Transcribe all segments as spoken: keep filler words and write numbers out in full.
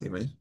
Dime.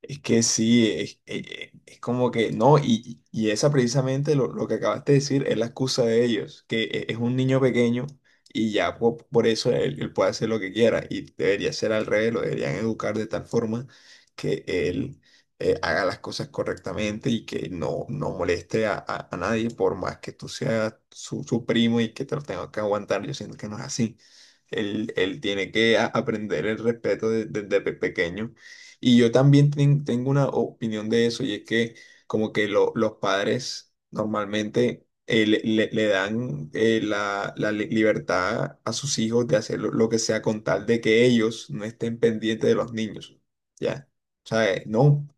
Es que sí, es, es- es como que no, y, y esa precisamente lo, lo que acabaste de decir es la excusa de ellos, que e- es un niño pequeño y ya po- por, eso él, él puede hacer lo que quiera y debería ser al revés, lo deberían educar de tal forma que él eh, haga las cosas correctamente y que no, no moleste a, a- a nadie por más que tú seas su, su primo y que te lo tengas que aguantar. Yo siento que no es así. Él, él tiene que a- aprender el respeto desde desde pe- pequeño. Y yo también ten- tengo una opinión de eso, y es que como que lo- los padres normalmente eh, le, le- le dan eh, la, la li- libertad a sus hijos de hacer lo, lo que sea con tal de que ellos no estén pendientes de los niños, ¿ya? O sea, eh, no,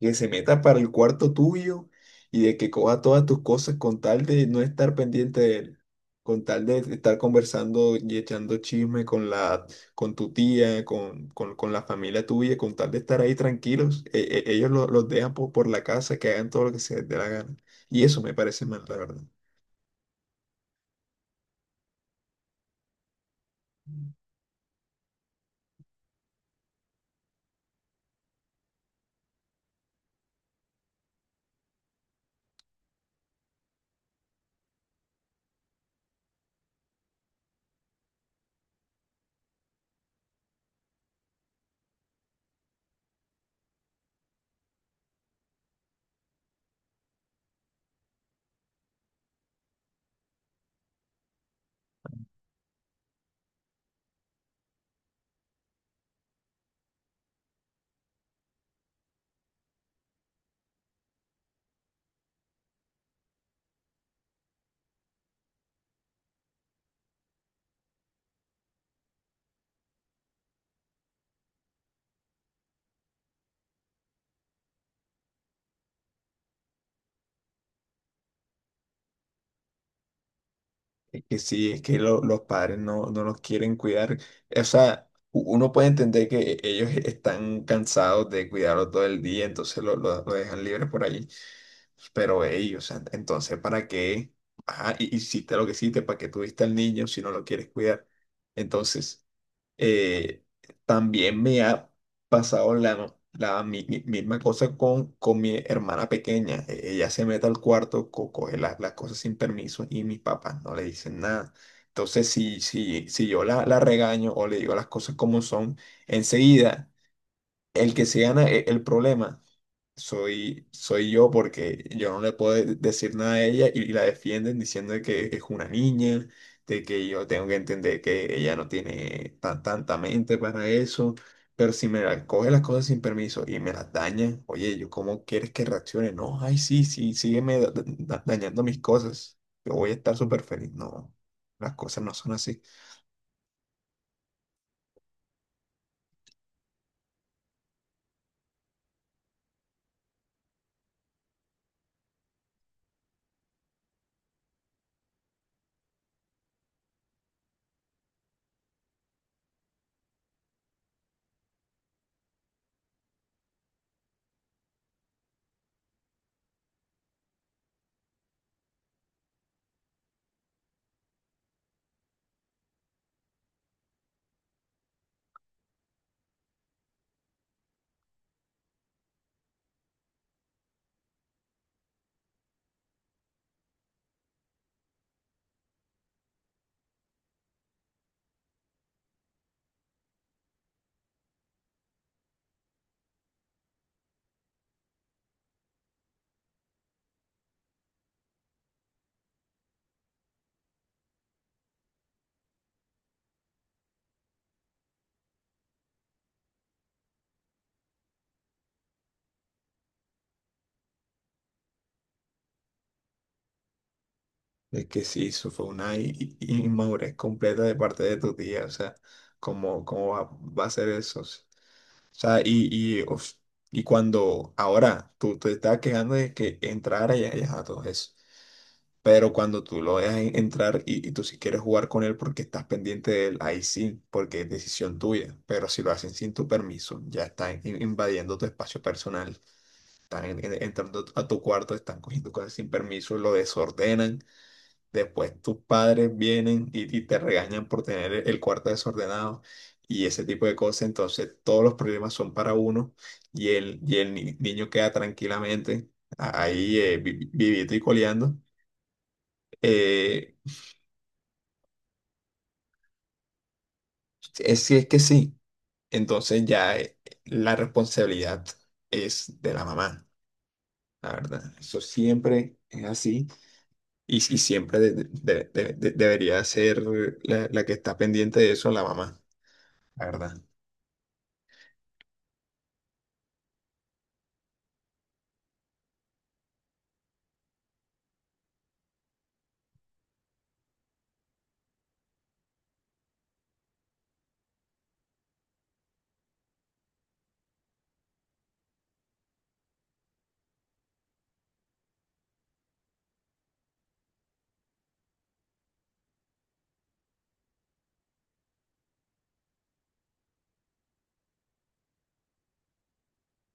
que se meta para el cuarto tuyo y de que coja todas tus cosas con tal de no estar pendiente de él, con tal de estar conversando y echando chisme con la con tu tía, con, con, con la familia tuya, con tal de estar ahí tranquilos, e- e- ellos lo- los dejan po- por, la casa, que hagan todo lo que se les dé la gana. Y eso me parece mal, la verdad. Es que sí, es que lo- los padres no, no los quieren cuidar. O sea, u- uno puede entender que e- ellos están cansados de cuidarlos todo el día, entonces lo, lo- lo dejan libre por ahí. Pero ellos, entonces, ¿para qué? Ajá, hi- hiciste lo que hiciste, ¿para qué tuviste al niño si no lo quieres cuidar? Entonces... Eh, también me ha pasado la, la mi- mi- misma cosa con, con mi hermana pequeña. E- Ella se mete al cuarto, co- coge la- las cosas sin permiso y mis papás no le dicen nada. Entonces, si, si, si yo la, la regaño o le digo las cosas como son, enseguida el que se gana e- el problema soy, soy yo porque yo no le puedo de- decir nada a ella, y la defienden diciendo de que es una niña, de que yo tengo que entender que ella no tiene tan, tanta mente para eso. Pero si me la coge las cosas sin permiso y me las daña, oye, ¿yo cómo quieres que reaccione? No, ay, sí, sí, sígueme da- da- da- dañando mis cosas. Yo voy a estar súper feliz. No, las cosas no son así. Es que sí, eso fue una i- i- inmadurez completa de parte de tu tía, o sea, ¿cómo, cómo va, va a ser eso? O sea, y, y, uf, y cuando ahora tú te estás quejando de que entrara y, y ajá, todo eso, pero cuando tú lo dejas en- entrar y, y tú si quieres jugar con él porque estás pendiente de él, ahí sí, porque es decisión tuya, pero si lo hacen sin tu permiso, ya están in- invadiendo tu espacio personal, están en- en- entrando a tu cuarto, están cogiendo cosas sin permiso, lo desordenan. Después tus padres vienen y, y te regañan por tener el el cuarto desordenado y ese tipo de cosas. Entonces todos los problemas son para uno y el, y el ni- niño queda tranquilamente ahí eh, vi- vi- vivito y coleando. Eh, es, si es que sí. Entonces ya eh, la responsabilidad es de la mamá, la verdad. Eso siempre es así y, y siempre de- de- de- de- de- debería ser la, la que está pendiente de eso, la mamá, la verdad.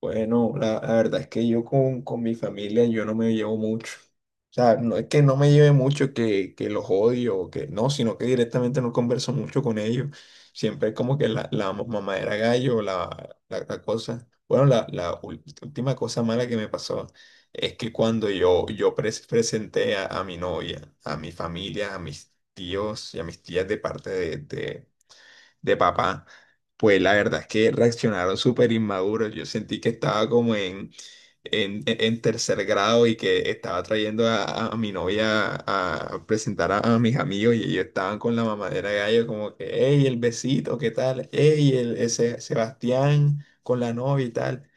Bueno, la, la verdad es que yo con, con mi familia yo no me llevo mucho. O sea, no es que no me lleve mucho, que, que los odio, o que no, sino que directamente no converso mucho con ellos. Siempre es como que la, la ma- mamadera gallo, la, la, la cosa. Bueno, la, la ul- última cosa mala que me pasó es que cuando yo, yo pres- presenté a, a mi novia, a mi familia, a mis tíos y a mis tías de parte de, de papá, pues la verdad es que reaccionaron súper inmaduros. Yo sentí que estaba como en, en, en tercer grado y que estaba trayendo a, a mi novia a, presentar a, a mis amigos, y ellos estaban con la mamadera de gallo como que, hey, el besito, ¿qué tal? Hey, el, ese Sebastián con la novia y tal.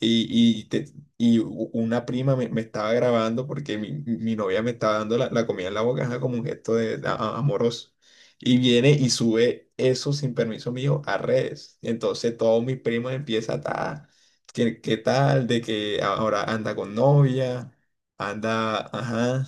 Y, y, te- y u- una prima me, me estaba grabando porque mi, mi novia me estaba dando la, la comida en la boca, ajá, como un gesto de, de a- amoroso, y viene y sube eso sin permiso mío a redes. Y entonces todos mis primos empiezan a, ¿qué, qué tal? De que ahora anda con novia, anda, ajá,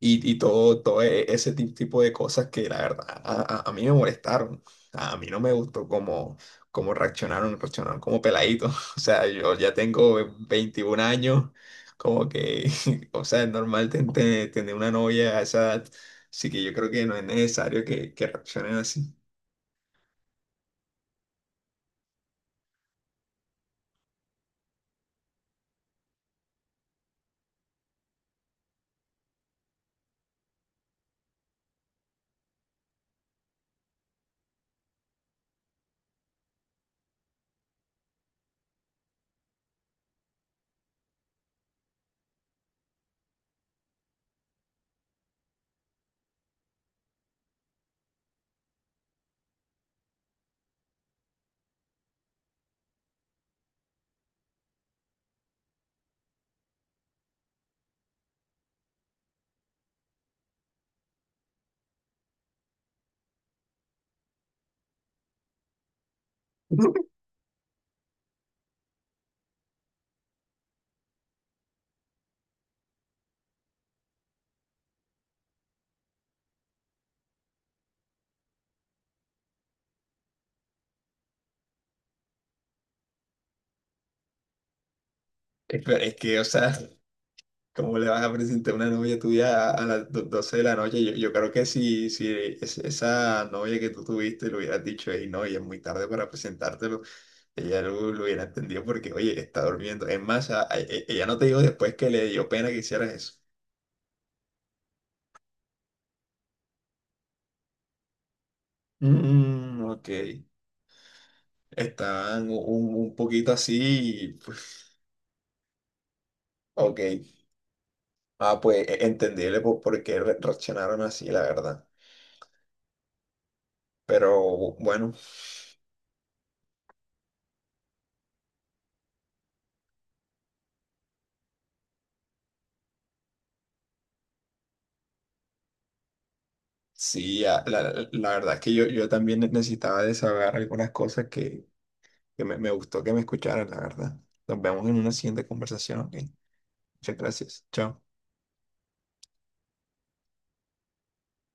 y, y todo, todo e- ese ti- tipo de cosas que la verdad a, a- a mí me molestaron. A mí no me gustó cómo, cómo reaccionaron, reaccionaron como peladitos. O sea, yo ya tengo ve- veintiún años, como que, o sea, es normal ten- ten- tener una novia a esa edad. Así que yo creo que no es necesario que, que reaccionen así. Pero es que, o sea, ¿cómo le vas a presentar una novia tuya a, a las do- doce de la noche? Yo, yo creo que si, si es- esa novia que tú tuviste le hubieras dicho, hey, no, y es muy tarde para presentártelo, ella lo, lo hubiera entendido porque, oye, está durmiendo. Es más, a- a- e- ella no te dijo después que le dio pena que hicieras eso. Mm, ok. Estaban un, un poquito así, y, pues, ok. Ah, pues e- entendible por, por qué re- reaccionaron así, la verdad. Pero bueno. Sí, a- la, la verdad es que yo, yo también necesitaba desahogar algunas cosas que, que me, me gustó que me escucharan, la verdad. Nos vemos en una siguiente conversación, ¿ok? Muchas gracias. Chao.